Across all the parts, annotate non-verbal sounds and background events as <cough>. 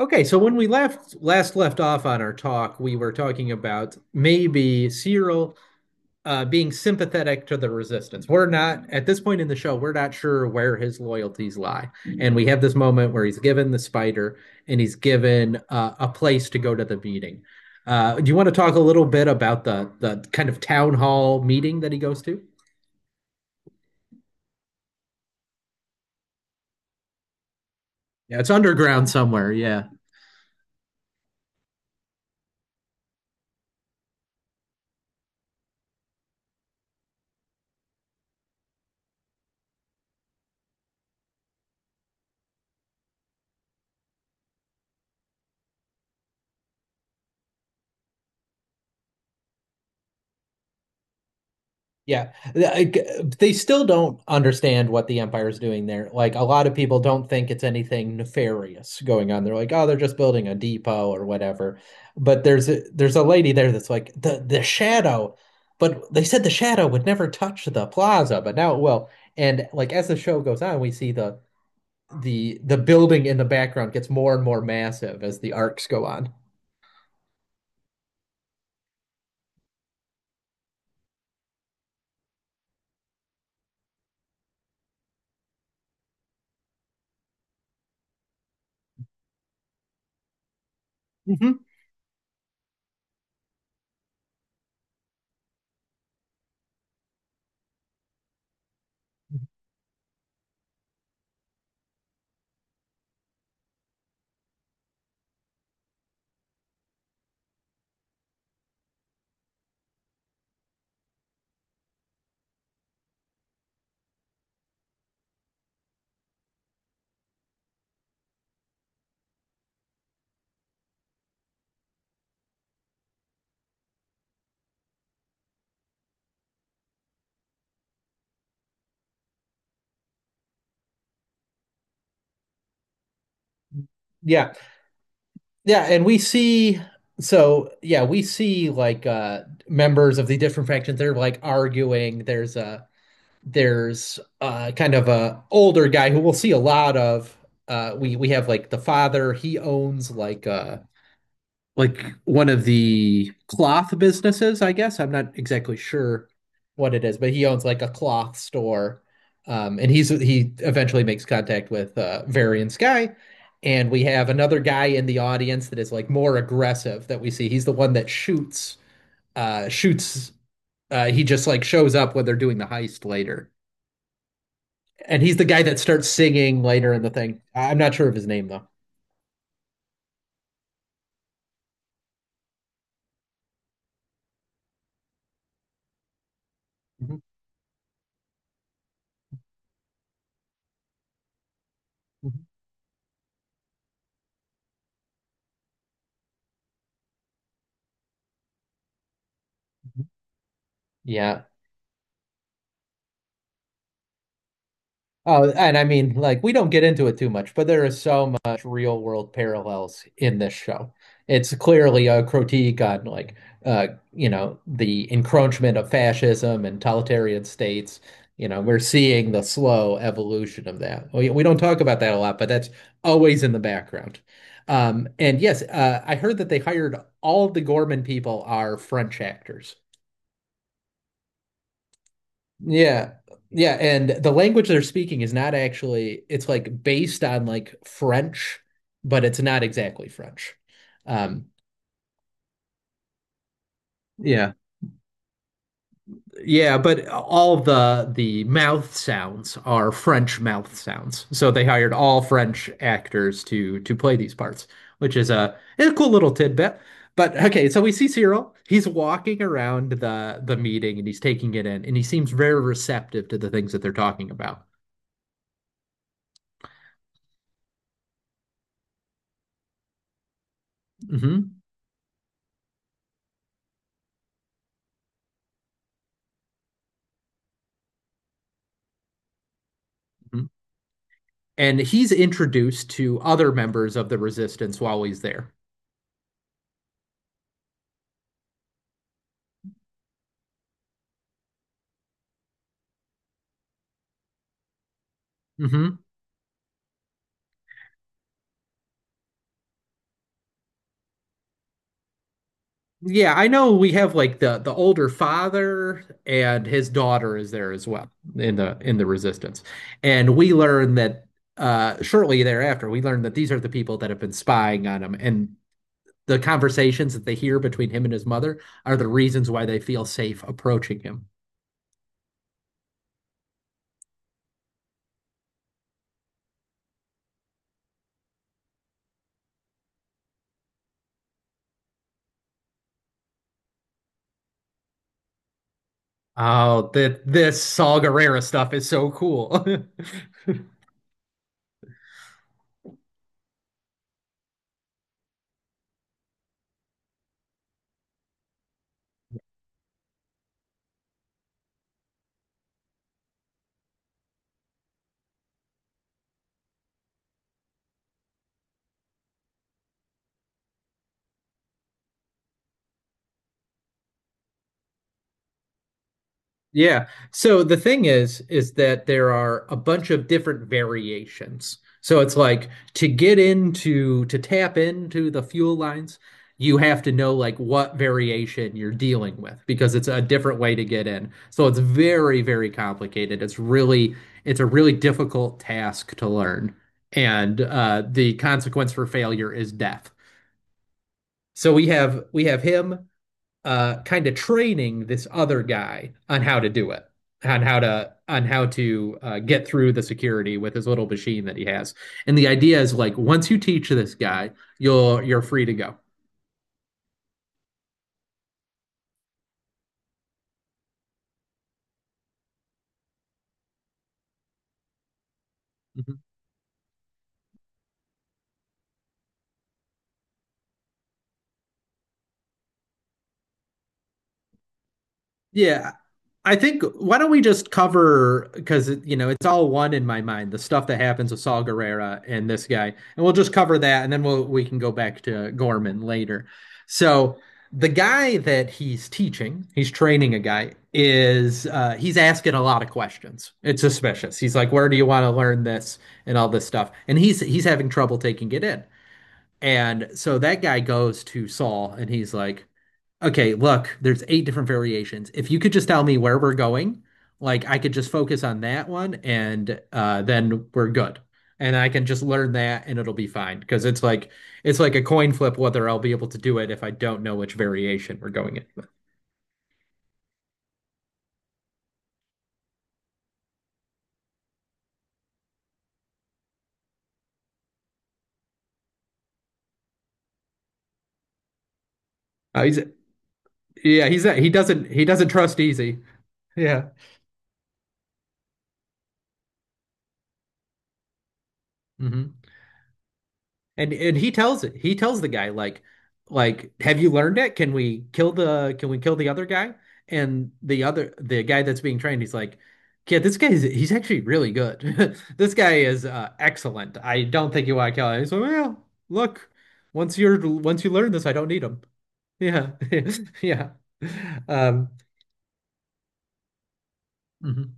Okay, so when we left last left off on our talk, we were talking about maybe Cyril being sympathetic to the resistance. We're not at this point in the show, we're not sure where his loyalties lie, and we have this moment where he's given the spider and he's given a place to go to the meeting. Do you want to talk a little bit about the kind of town hall meeting that he goes to? Yeah, it's underground somewhere. Yeah. Yeah, like, they still don't understand what the empire is doing there. Like a lot of people don't think it's anything nefarious going on. They're like, oh, they're just building a depot or whatever. But there's a lady there that's like the shadow, but they said the shadow would never touch the plaza, but now it will. And like as the show goes on, we see the building in the background gets more and more massive as the arcs go on. Mhm. Yeah. Yeah, and we see we see like members of the different factions they're like arguing. There's a there's kind of a older guy who we'll see a lot of. We have like the father, he owns like one of the cloth businesses, I guess. I'm not exactly sure what it is, but he owns like a cloth store. And he eventually makes contact with Varian Sky, and we have another guy in the audience that is like more aggressive that we see. He's the one that shoots uh, shoots. He just like shows up when they're doing the heist later, and he's the guy that starts singing later in the thing. I'm not sure of his name though. Mm-hmm. Yeah. Oh, and I mean, like, we don't get into it too much, but there is so much real world parallels in this show. It's clearly a critique on, like, you know, the encroachment of fascism and totalitarian states. You know, we're seeing the slow evolution of that. We don't talk about that a lot, but that's always in the background. And yes, I heard that they hired all of the Gorman people are French actors. Yeah. Yeah, and the language they're speaking is not actually it's like based on like French, but it's not exactly French. Um yeah. Yeah, but all the mouth sounds are French mouth sounds. So they hired all French actors to play these parts, which is a cool little tidbit. But okay, so we see Cyril. He's walking around the meeting and he's taking it in and he seems very receptive to the things that they're talking about. hmm and he's introduced to other members of the resistance while he's there. hmm Yeah, I know we have like the older father and his daughter is there as well in the resistance. And we learn that shortly thereafter we learn that these are the people that have been spying on him and the conversations that they hear between him and his mother are the reasons why they feel safe approaching him. Oh, the this Saw Gerrera stuff is so cool. <laughs> Yeah. So the thing is that there are a bunch of different variations. So it's like to tap into the fuel lines, you have to know like what variation you're dealing with because it's a different way to get in. So it's very, very complicated. It's a really difficult task to learn. And the consequence for failure is death. So we have him kind of training this other guy on how to do it, on how to get through the security with his little machine that he has. And the idea is like once you teach this guy, you're free to go. Mhm. Yeah. I think why don't we just cover because you know it's all one in my mind the stuff that happens with Saul Guerrera and this guy and we'll just cover that and then we can go back to Gorman later. So the guy that he's teaching, he's training a guy is he's asking a lot of questions. It's suspicious. He's like, "Where do you want to learn this?" and all this stuff, and he's having trouble taking it in. And so that guy goes to Saul and he's like, okay, look, there's eight different variations. If you could just tell me where we're going, like I could just focus on that one and then we're good. And I can just learn that and it'll be fine because it's like a coin flip whether I'll be able to do it if I don't know which variation we're going in with. Uh, is it- yeah, he doesn't trust easy. Yeah. hmm and he tells it. He tells the guy like have you learned it? Can we kill the other guy? And the guy that's being trained, he's like, yeah, this guy is he's actually really good. <laughs> This guy is excellent. I don't think you want to kill him. He's like, well, look, once you learn this, I don't need him. Yeah. <laughs> Yeah. Um, mhm.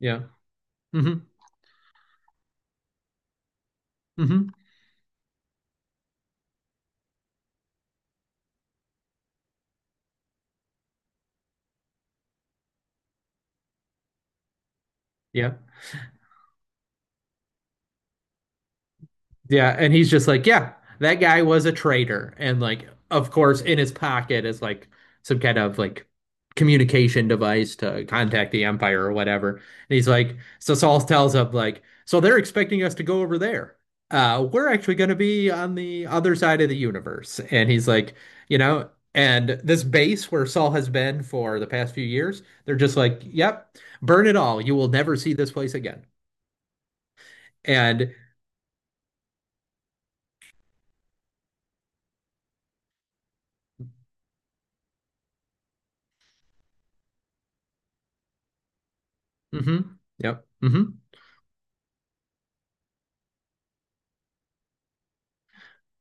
Yeah. hmm hmm Yeah. Yeah, and he's just like, yeah, that guy was a traitor. And like, of course, in his pocket is like some kind of like communication device to contact the Empire or whatever. And he's like, so Saul tells him like, so they're expecting us to go over there. We're actually going to be on the other side of the universe. And he's like, you know, and this base where Saul has been for the past few years, they're just like, yep, burn it all. You will never see this place again. And mm-hmm, yep, mm-hmm.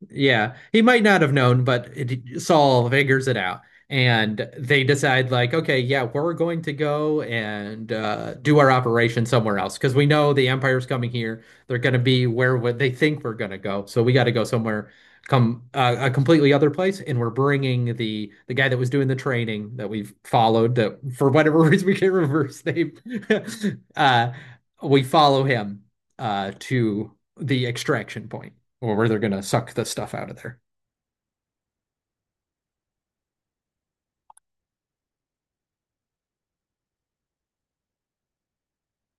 Yeah, he might not have known, but Saul figures it out, and they decide like, okay, yeah, we're going to go and do our operation somewhere else because we know the Empire's coming here. They're going to be where what they think we're going to go, so we got to go somewhere, come a completely other place, and we're bringing the guy that was doing the training that we've followed that for whatever <laughs> reason we can't remember his name. <laughs> uh, we follow him to the extraction point or where they're gonna suck the stuff out of there.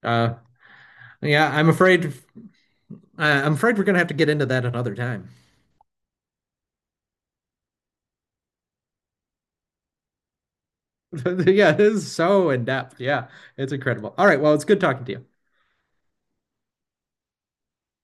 Uh, yeah, I'm afraid, I'm afraid we're gonna have to get into that another time. <laughs> yeah, it is so in depth. Yeah, it's incredible. All right, well, it's good talking to you.